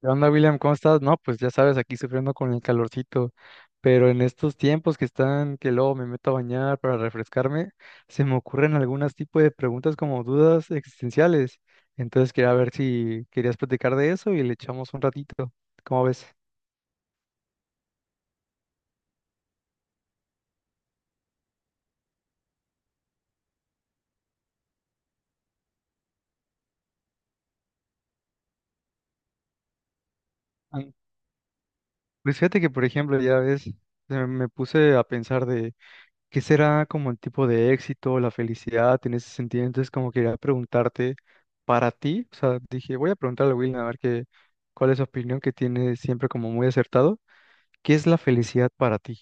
¿Qué onda, William? ¿Cómo estás? No, pues ya sabes, aquí sufriendo con el calorcito, pero en estos tiempos que están, que luego me meto a bañar para refrescarme, se me ocurren algunos tipos de preguntas como dudas existenciales. Entonces quería ver si querías platicar de eso y le echamos un ratito. ¿Cómo ves? An- Pues fíjate que, por ejemplo, ya ves, se me puse a pensar de ¿qué será como el tipo de éxito, la felicidad en ese sentido? Entonces, como quería preguntarte para ti, o sea, dije, voy a preguntarle a Will a ver qué, cuál es su opinión que tiene siempre como muy acertado. ¿Qué es la felicidad para ti?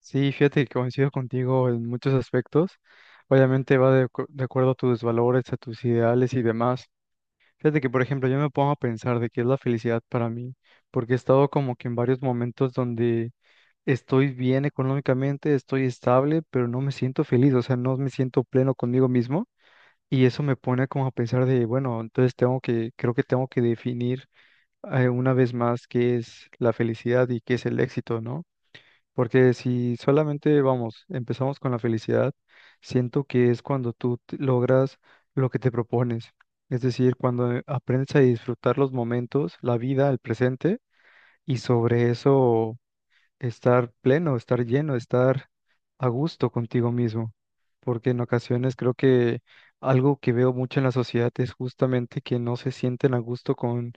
Sí, fíjate que coincido contigo en muchos aspectos. Obviamente va de acuerdo a tus valores, a tus ideales y demás. Fíjate que, por ejemplo, yo me pongo a pensar de qué es la felicidad para mí, porque he estado como que en varios momentos donde estoy bien económicamente, estoy estable, pero no me siento feliz, o sea, no me siento pleno conmigo mismo. Y eso me pone como a pensar de, bueno, entonces tengo que, creo que tengo que definir una vez más qué es la felicidad y qué es el éxito, ¿no? Porque si solamente vamos, empezamos con la felicidad, siento que es cuando logras lo que te propones. Es decir, cuando aprendes a disfrutar los momentos, la vida, el presente, y sobre eso estar pleno, estar lleno, estar a gusto contigo mismo. Porque en ocasiones creo que algo que veo mucho en la sociedad es justamente que no se sienten a gusto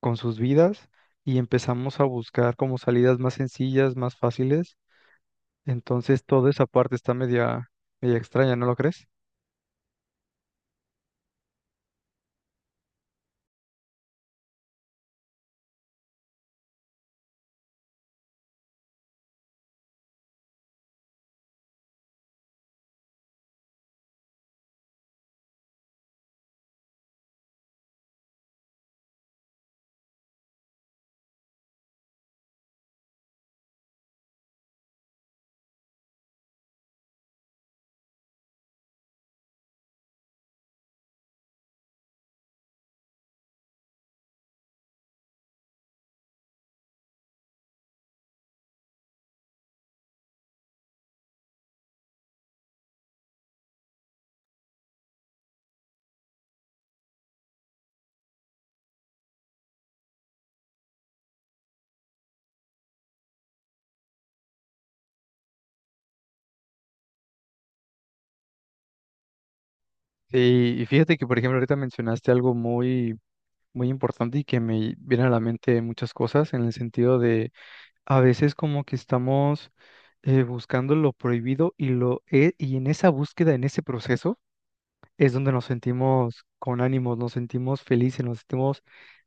con sus vidas y empezamos a buscar como salidas más sencillas, más fáciles. Entonces, toda esa parte está media extraña, ¿no lo crees? Sí, y fíjate que, por ejemplo, ahorita mencionaste algo muy importante y que me viene a la mente muchas cosas en el sentido de a veces como que estamos buscando lo prohibido y en esa búsqueda, en ese proceso es donde nos sentimos con ánimos, nos sentimos felices, nos sentimos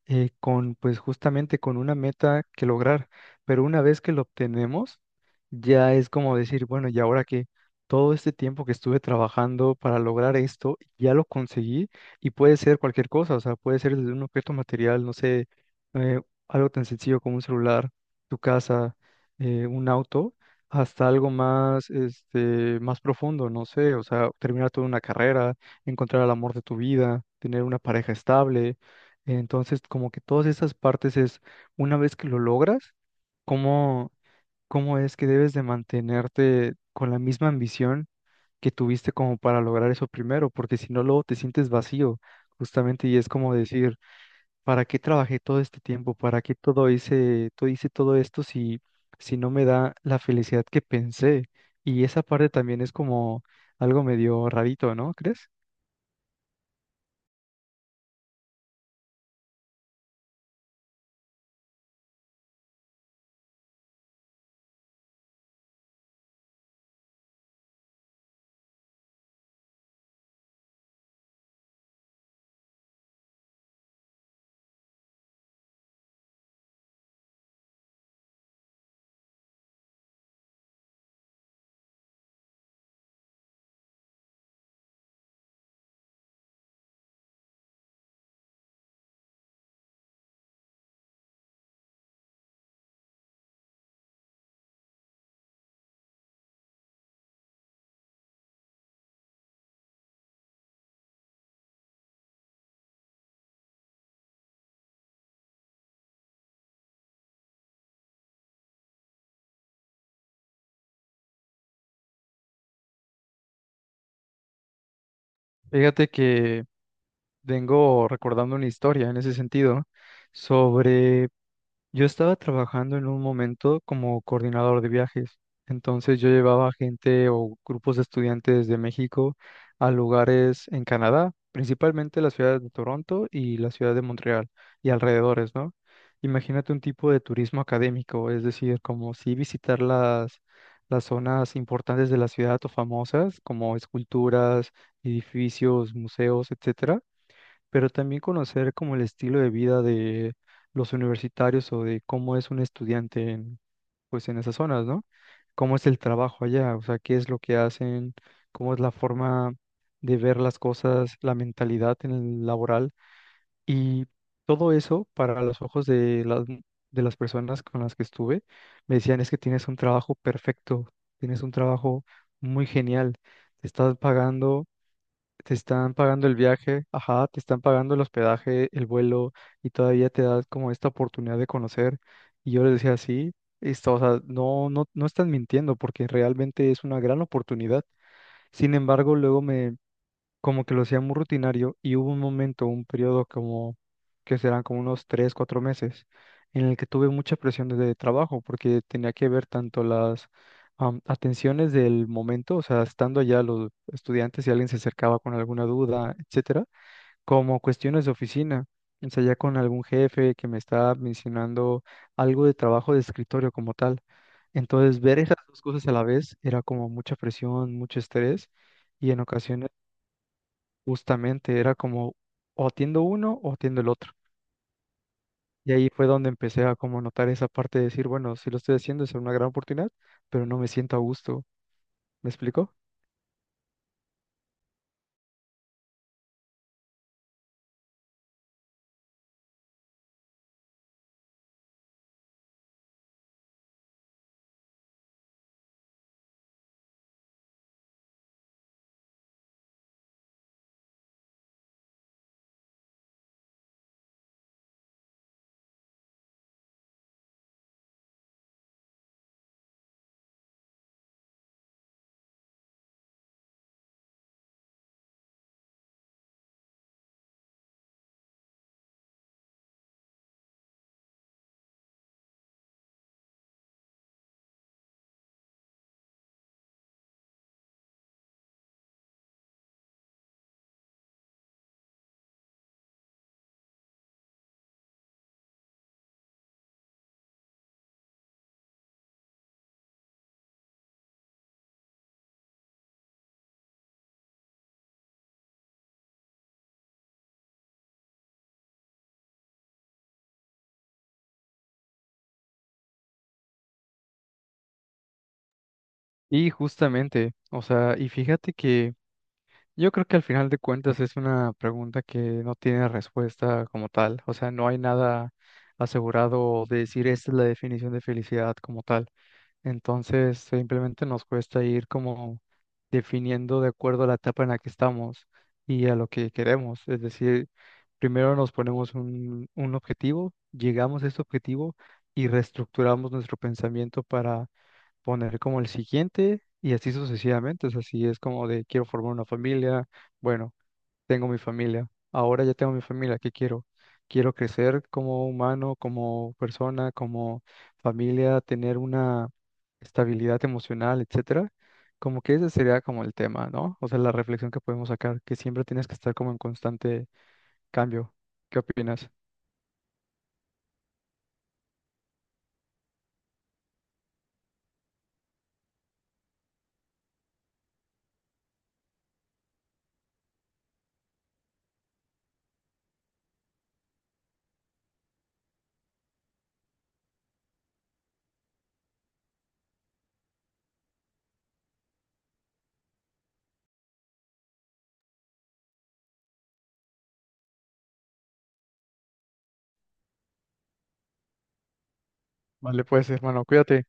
con, pues justamente con una meta que lograr. Pero una vez que lo obtenemos, ya es como decir, bueno, ¿y ahora que Todo este tiempo que estuve trabajando para lograr esto, ya lo conseguí, y puede ser cualquier cosa, o sea, puede ser desde un objeto material, no sé, eh, algo tan sencillo como un celular, tu casa, un auto, hasta algo más, este, más profundo, no sé, o sea, terminar toda una carrera, encontrar al amor de tu vida, tener una pareja estable. Entonces, como que todas esas partes es, una vez que lo logras, ¿cómo, cómo es que debes de mantenerte con la misma ambición que tuviste como para lograr eso primero? Porque si no, luego te sientes vacío, justamente, y es como decir, ¿para qué trabajé todo este tiempo? ¿Para qué todo hice todo esto si, si no me da la felicidad que pensé? Y esa parte también es como algo medio rarito, ¿no crees? Fíjate que vengo recordando una historia en ese sentido sobre, yo estaba trabajando en un momento como coordinador de viajes. Entonces yo llevaba gente o grupos de estudiantes de México a lugares en Canadá, principalmente las ciudades de Toronto y la ciudad de Montreal y alrededores, ¿no? Imagínate un tipo de turismo académico, es decir, como si visitar las zonas importantes de la ciudad o famosas, como esculturas, edificios, museos, etcétera, pero también conocer como el estilo de vida de los universitarios o de cómo es un estudiante en, pues en esas zonas, ¿no? ¿Cómo es el trabajo allá? O sea, ¿qué es lo que hacen? ¿Cómo es la forma de ver las cosas, la mentalidad en el laboral? Y todo eso para los ojos de de las personas con las que estuve, me decían, es que tienes un trabajo perfecto, tienes un trabajo muy genial, te estás pagando te están pagando el viaje, ajá, te están pagando el hospedaje, el vuelo, y todavía te das como esta oportunidad de conocer. Y yo les decía, sí, esto, o sea, no, no, no están mintiendo porque realmente es una gran oportunidad. Sin embargo, como que lo hacía muy rutinario y hubo un momento, un periodo como que serán como unos tres, cuatro meses, en el que tuve mucha presión de trabajo porque tenía que ver tanto las atenciones del momento, o sea, estando allá los estudiantes si alguien se acercaba con alguna duda, etcétera, como cuestiones de oficina. O sea, ya con algún jefe que me estaba mencionando algo de trabajo de escritorio como tal. Entonces, ver esas dos cosas a la vez era como mucha presión, mucho estrés, y en ocasiones justamente era como o atiendo uno o atiendo el otro. Y ahí fue donde empecé a como notar esa parte de decir, bueno, si lo estoy haciendo es una gran oportunidad, pero no me siento a gusto. ¿Me explico? Y justamente, o sea, y fíjate que yo creo que al final de cuentas es una pregunta que no tiene respuesta como tal. O sea, no hay nada asegurado de decir esta es la definición de felicidad como tal. Entonces, simplemente nos cuesta ir como definiendo de acuerdo a la etapa en la que estamos y a lo que queremos. Es decir, primero nos ponemos un objetivo, llegamos a ese objetivo y reestructuramos nuestro pensamiento para poner como el siguiente y así sucesivamente. O sea, si es como de quiero formar una familia, bueno, tengo mi familia. Ahora ya tengo mi familia. ¿Qué quiero? Quiero crecer como humano, como persona, como familia, tener una estabilidad emocional, etcétera. Como que ese sería como el tema, ¿no? O sea, la reflexión que podemos sacar, que siempre tienes que estar como en constante cambio. ¿Qué opinas? Vale, pues, hermano, cuídate.